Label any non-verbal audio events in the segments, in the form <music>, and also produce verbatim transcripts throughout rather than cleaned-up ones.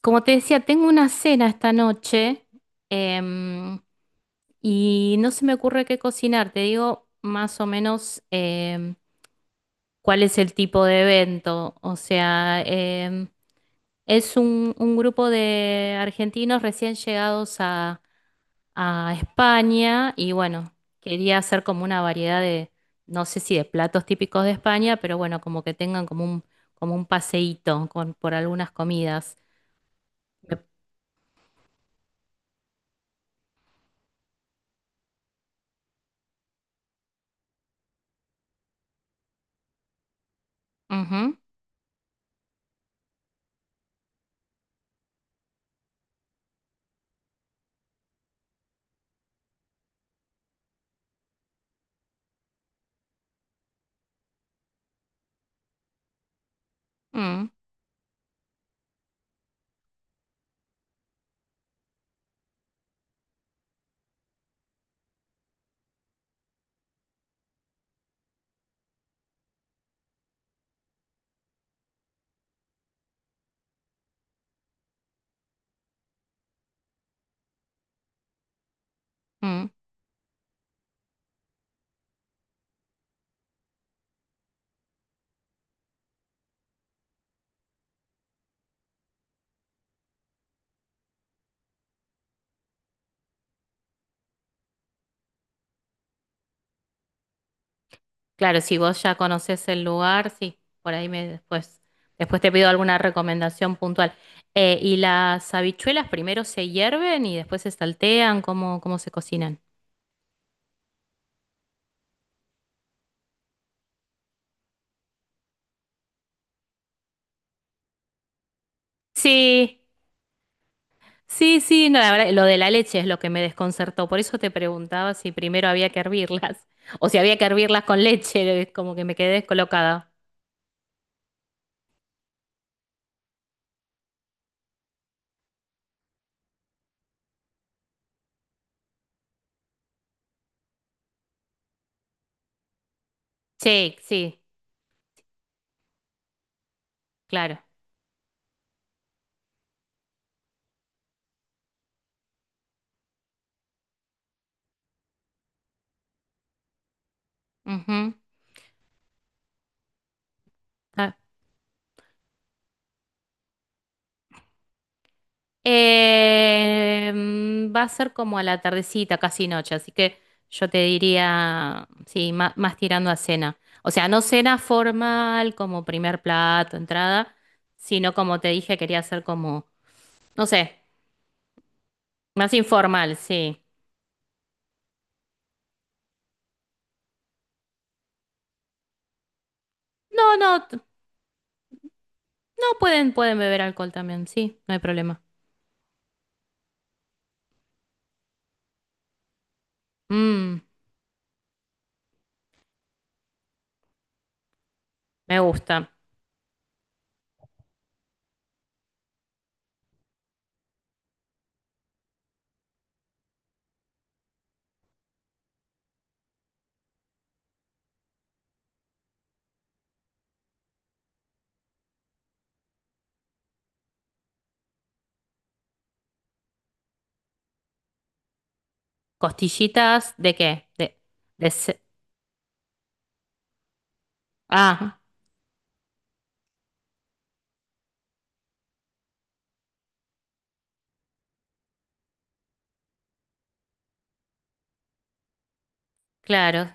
Como te decía, tengo una cena esta noche em, y no se me ocurre qué cocinar. Te digo más o menos em, cuál es el tipo de evento. O sea, em, es un, un grupo de argentinos recién llegados a, a España y bueno, quería hacer como una variedad de, no sé si de platos típicos de España, pero bueno, como que tengan como un, como un paseíto con, por algunas comidas. Me- ujú, mm, mm. Claro, si vos ya conocés el lugar, sí, por ahí me después, después te pido alguna recomendación puntual. Eh, ¿y las habichuelas primero se hierven y después se saltean? ¿Cómo, cómo se cocinan? Sí, sí, sí, no, la verdad, lo de la leche es lo que me desconcertó, por eso te preguntaba si primero había que hervirlas <laughs> o si había que hervirlas con leche, como que me quedé descolocada. Sí, sí, claro. Ujú. Ah, eh, mm, va a ser como a la tardecita, casi noche, así que yo te diría, sí, ma- más, tirando a cena. O sea, no cena formal como primer plato, entrada, sino como te dije, quería hacer como, no sé, más informal, sí. No, no, t- no pueden, pueden beber alcohol también, sí, no hay problema. Mm, me gusta. ¿Costillitas de qué? De, de ce- ah, claro.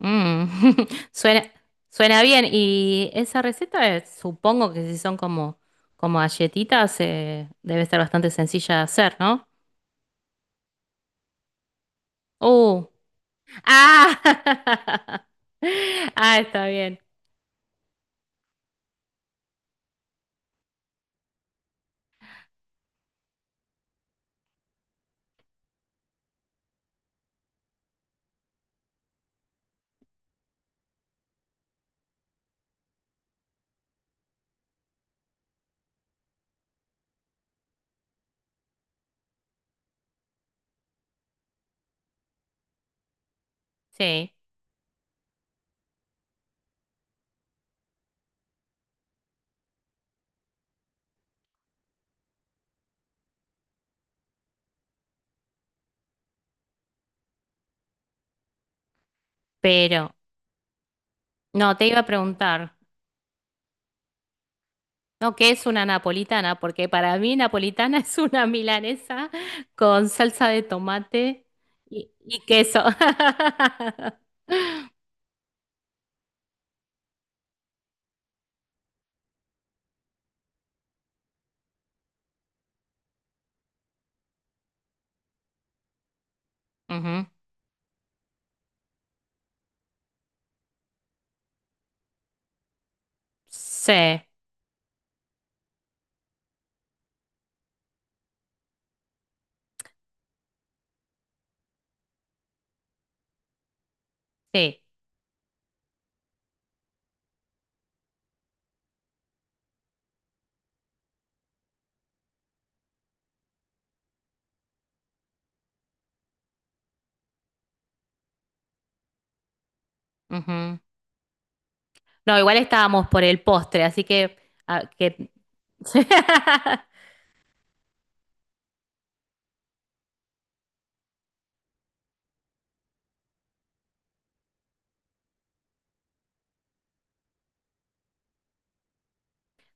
Mm, <laughs> suena, suena bien. Y esa receta, eh, supongo que si son como, como galletitas, eh, debe estar bastante sencilla de hacer, ¿no? ¡Uh! ¡Ah! <laughs> Ah, está bien. Sí. Pero, no, te iba a preguntar, ¿no? ¿Qué es una napolitana? Porque para mí napolitana <laughs> es una milanesa con salsa de tomate y, y queso. <laughs> Ujú. Sí, sí. No, igual estábamos por el postre, así que, ah, que... <laughs>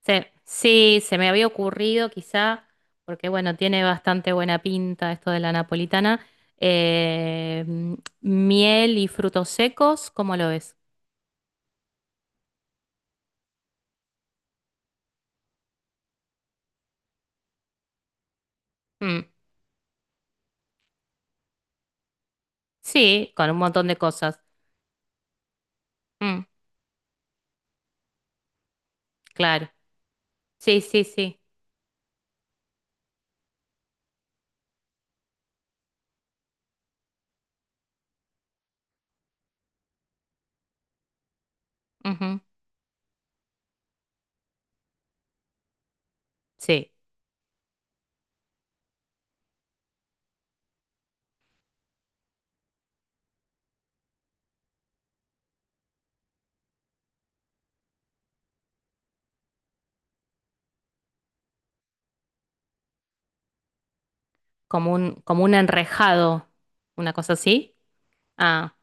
Se- sí, se me había ocurrido quizá, porque bueno, tiene bastante buena pinta esto de la napolitana. Eh, miel y frutos secos, ¿cómo lo ves? Mm, sí, con un montón de cosas. Mm, claro. Sí, sí, sí. Ujú, sí, como un, como un enrejado, una cosa así. Ah,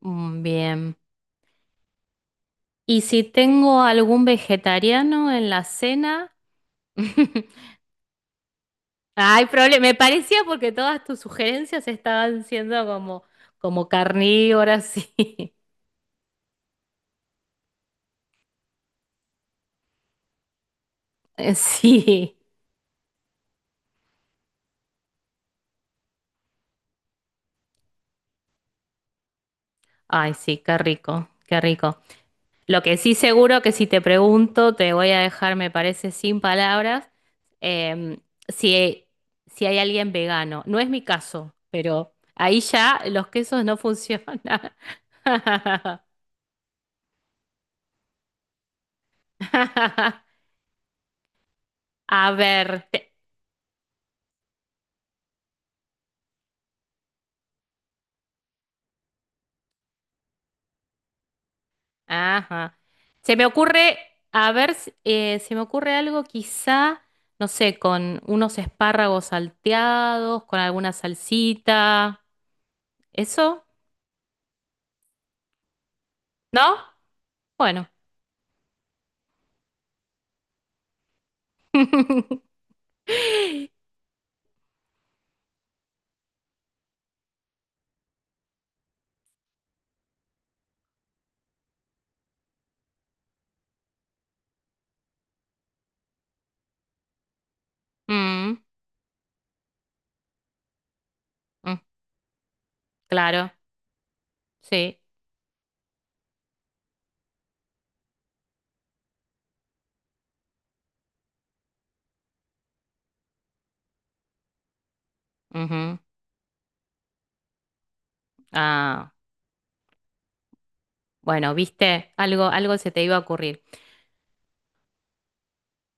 mm, bien. Y si tengo algún vegetariano en la cena, <laughs> hay problema. Me parecía porque todas tus sugerencias estaban siendo como, como carnívoras, sí. <laughs> Sí. Ay, sí, qué rico, qué rico. Lo que sí seguro que si te pregunto, te voy a dejar, me parece, sin palabras, em, si, si hay alguien vegano. No es mi caso, pero ahí ya los quesos no funcionan. <laughs> <laughs> A ver. Te- ajá. Se me ocurre, a ver, si- eh, se me ocurre algo quizá, no sé, con unos espárragos salteados, con alguna salsita. ¿Eso? ¿No? Bueno. <laughs> Mm, mm, claro, sí. Ujú. Ah, bueno, viste, algo, algo se te iba a ocurrir.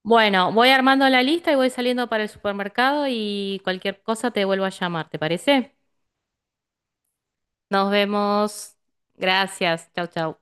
Bueno, voy armando la lista y voy saliendo para el supermercado y cualquier cosa te vuelvo a llamar, ¿te parece? Nos vemos. Gracias. Chau, chau.